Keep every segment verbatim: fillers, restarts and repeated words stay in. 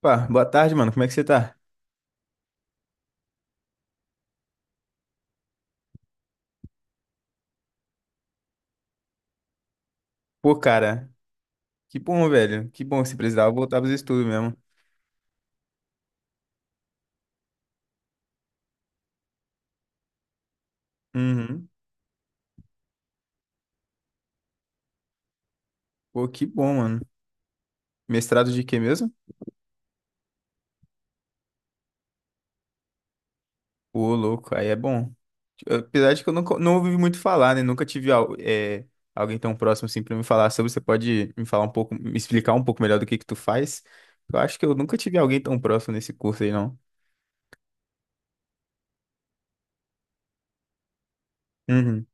Pá, boa tarde, mano. Como é que você tá? Pô, cara, que bom, velho. Que bom, se precisava voltar pros estudos mesmo. Uhum. Pô, que bom, mano. Mestrado de quê mesmo? Pô, louco, aí é bom. Apesar de que eu nunca, não ouvi muito falar, né? Nunca tive al- é, alguém tão próximo assim pra me falar sobre. Você pode me falar um pouco, me explicar um pouco melhor do que que tu faz? Eu acho que eu nunca tive alguém tão próximo nesse curso aí, não. Uhum.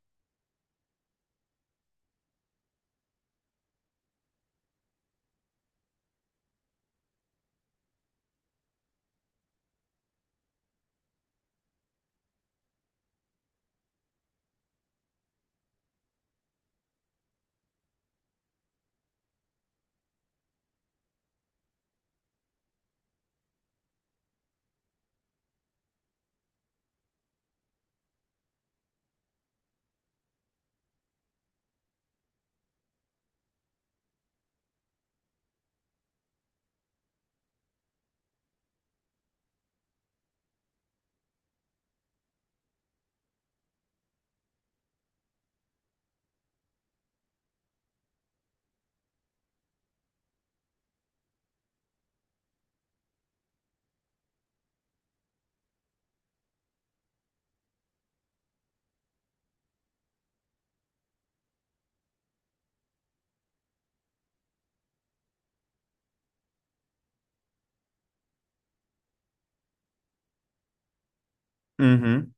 Uhum.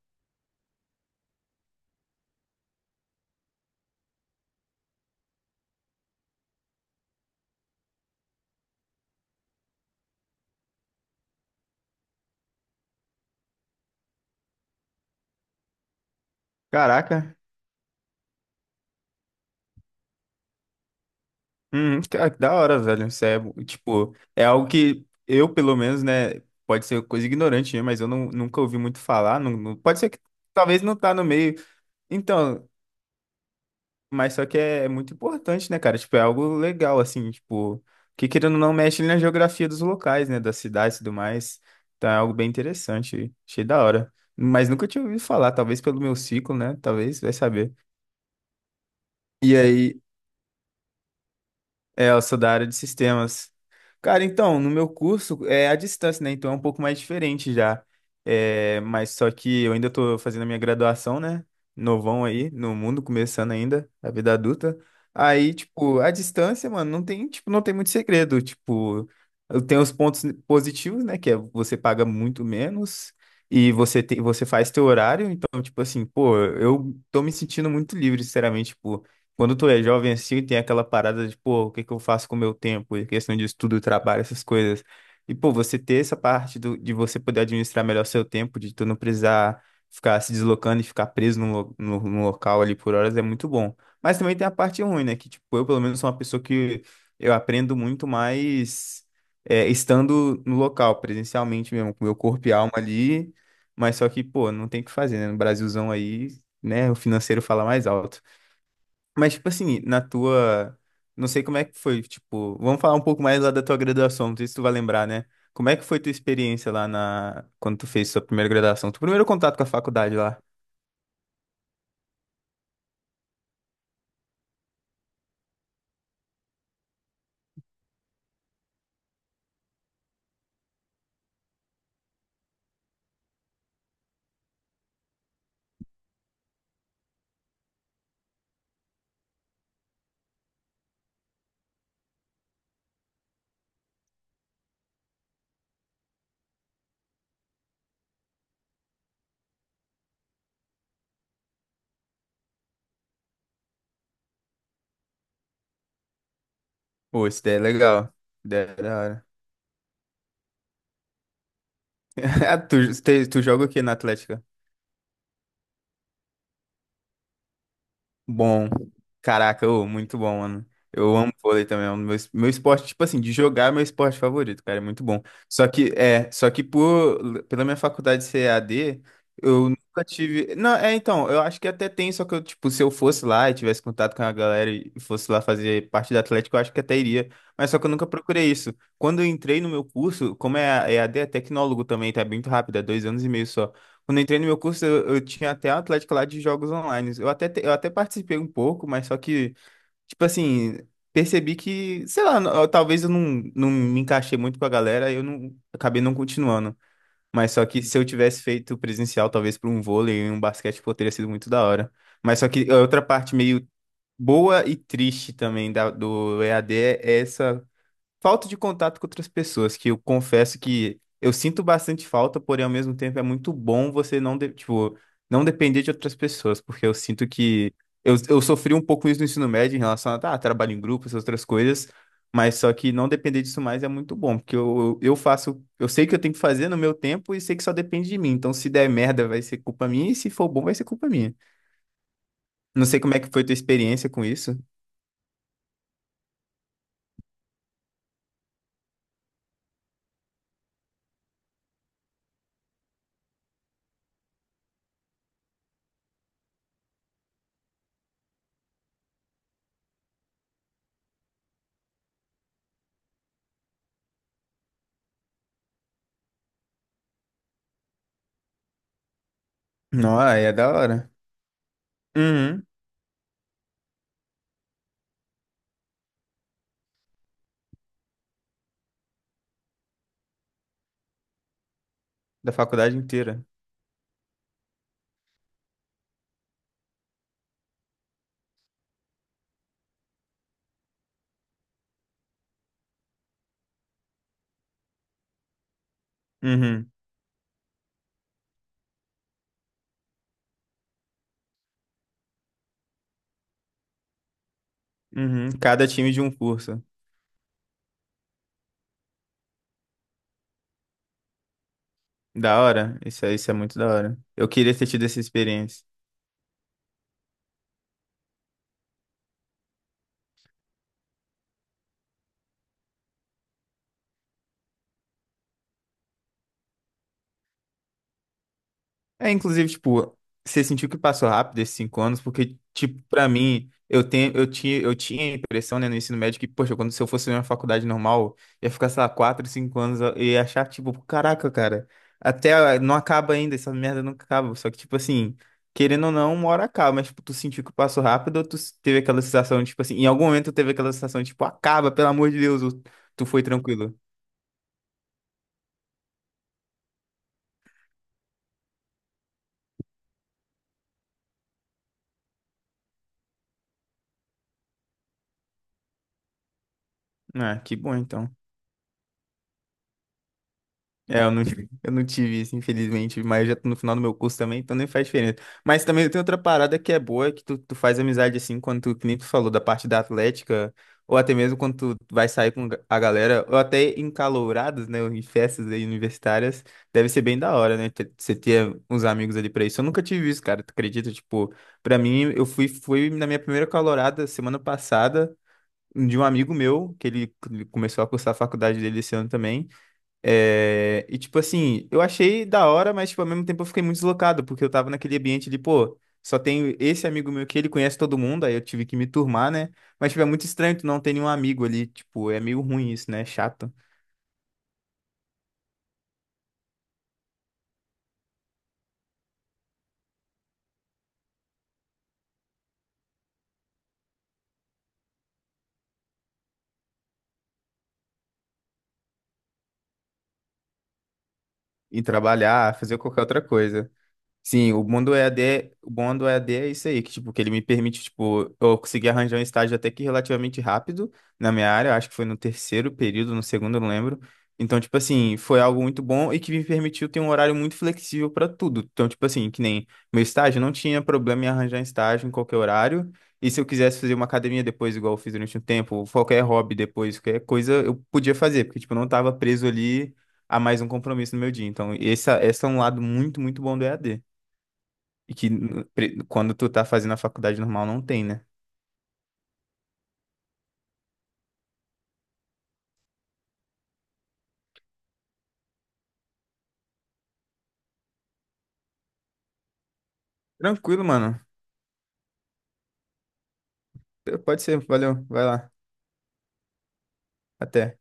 Caraca. Hum, cara, que da hora, velho. Isso é, tipo, é algo que eu, pelo menos, né, pode ser coisa ignorante, né, mas eu não, nunca ouvi muito falar. Não, não- pode ser que talvez não tá no meio. Então, mas só que é, é muito importante, né, cara? Tipo, é algo legal, assim, tipo, que querendo ou não mexe na geografia dos locais, né, das cidades e tudo mais. Então é algo bem interessante. Achei da hora. Mas nunca tinha ouvido falar, talvez pelo meu ciclo, né? Talvez, vai saber. E aí. É, eu sou da área de sistemas. Cara, então, no meu curso é à distância, né? Então é um pouco mais diferente já. É, mas só que eu ainda tô fazendo a minha graduação, né? Novão aí, no mundo, começando ainda, a vida adulta. Aí, tipo, à distância, mano, não tem, tipo, não tem muito segredo. Tipo, eu tenho os pontos positivos, né? Que é você paga muito menos e você tem, você faz teu horário. Então, tipo assim, pô, eu tô me sentindo muito livre, sinceramente, tipo. Quando tu é jovem assim, tem aquela parada de, pô, o que que eu faço com o meu tempo? E questão de estudo, trabalho, essas coisas. E, pô, você ter essa parte do, de você poder administrar melhor seu tempo, de tu não precisar ficar se deslocando e ficar preso num, lo- num, num local ali por horas é muito bom. Mas também tem a parte ruim, né? Que, tipo, eu pelo menos sou uma pessoa que eu aprendo muito mais é, estando no local, presencialmente mesmo, com meu corpo e alma ali. Mas só que, pô, não tem o que fazer, né? No Brasilzão aí, né? O financeiro fala mais alto. Mas, tipo assim, na tua. Não sei como é que foi, tipo. Vamos falar um pouco mais lá da tua graduação, não sei se tu vai lembrar, né? Como é que foi tua experiência lá na. Quando tu fez sua primeira graduação? Tu primeiro contato com a faculdade lá. Pô, isso daí é legal. Isso daí é da hora. Ah, Tu, tu, tu joga o quê na Atlética? Bom, caraca, ô, muito bom, mano. Eu amo vôlei também, é um do meu, es- meu esporte, tipo assim, de jogar é meu esporte favorito, cara, é muito bom. Só que, é, só que por, pela minha faculdade ser E A D eu nunca tive. Não, é, então, eu acho que até tem, só que eu, tipo, se eu fosse lá e tivesse contato com a galera e fosse lá fazer parte da Atlético, eu acho que até iria. Mas só que eu nunca procurei isso. Quando eu entrei no meu curso, como é a- E A D é tecnólogo também, tá bem muito rápido, é dois anos e meio só. Quando eu entrei no meu curso, eu, eu tinha até a Atlética lá de jogos online. Eu até, te- eu até participei um pouco, mas só que, tipo assim, percebi que, sei lá, eu- talvez eu não, não me encaixei muito com a galera, aí eu não acabei não continuando. Mas só que se eu tivesse feito presencial, talvez por um vôlei e um basquete, pô, teria sido muito da hora. Mas só que a outra parte meio boa e triste também da, do E A D é essa falta de contato com outras pessoas, que eu confesso que eu sinto bastante falta, porém ao mesmo tempo é muito bom você não, de- tipo, não depender de outras pessoas, porque eu sinto que eu, eu sofri um pouco isso no ensino médio em relação a tá, trabalho em grupo, essas outras coisas, mas só que não depender disso mais é muito bom, porque eu, eu faço, eu sei que eu tenho que fazer no meu tempo e sei que só depende de mim, então se der merda vai ser culpa minha e se for bom vai ser culpa minha. Não sei como é que foi tua experiência com isso. Não, é da hora. Uhum, da faculdade inteira. Uhum. Uhum, cada time de um curso. Da hora. Isso é, isso é muito da hora. Eu queria ter tido essa experiência. É, inclusive, tipo, você sentiu que passou rápido esses cinco anos, porque, tipo, pra mim, eu tenho, eu tinha, eu tinha a impressão, né, no ensino médio que, poxa, quando se eu fosse numa faculdade normal, ia ficar, sei lá, quatro, cinco anos e ia achar, tipo, caraca, cara, até ah, não acaba ainda, essa merda nunca acaba. Só que, tipo assim, querendo ou não, uma hora acaba, mas, tipo, tu sentiu que passou rápido ou tu s- teve aquela sensação, tipo assim, em algum momento tu teve aquela sensação, tipo, acaba, pelo amor de Deus, ou tu foi tranquilo. Ah, que bom, então. É, eu não, eu não tive isso, infelizmente, mas já tô no final do meu curso também, então nem faz diferença. Mas também tem outra parada que é boa, que tu, tu faz amizade assim, quando tu, que nem tu falou, da parte da Atlética, ou até mesmo quando tu vai sair com a galera, ou até em calouradas, né, ou em festas aí universitárias, deve ser bem da hora, né, ter- você ter uns amigos ali pra isso. Eu nunca tive isso, cara, tu acredita? Tipo, pra mim, eu fui, fui na minha primeira calourada semana passada, de um amigo meu, que ele ele começou a cursar a faculdade dele esse ano também, é, e tipo assim, eu achei da hora, mas tipo, ao mesmo tempo eu fiquei muito deslocado, porque eu tava naquele ambiente de, pô, só tenho esse amigo meu que ele conhece todo mundo, aí eu tive que me turmar, né? Mas tipo, é muito estranho tu não ter nenhum amigo ali, tipo, é meio ruim isso, né? É chato. E trabalhar, fazer qualquer outra coisa. Sim, o bom do E A D o bom do E A D é isso aí, que, tipo, que ele me permite, tipo, eu consegui arranjar um estágio até que relativamente rápido na minha área, eu acho que foi no terceiro período, no segundo, eu não lembro. Então, tipo assim, foi algo muito bom e que me permitiu ter um horário muito flexível para tudo. Então, tipo assim, que nem meu estágio, não tinha problema em arranjar estágio em qualquer horário. E se eu quisesse fazer uma academia depois, igual eu fiz durante um tempo, ou qualquer hobby depois, qualquer coisa, eu podia fazer, porque, tipo, eu não estava preso ali a mais um compromisso no meu dia. Então, esse, esse é um lado muito, muito bom do E A D e que n- pre- quando tu tá fazendo a faculdade normal não tem, né? Tranquilo, mano. Pode ser, valeu, vai lá. Até.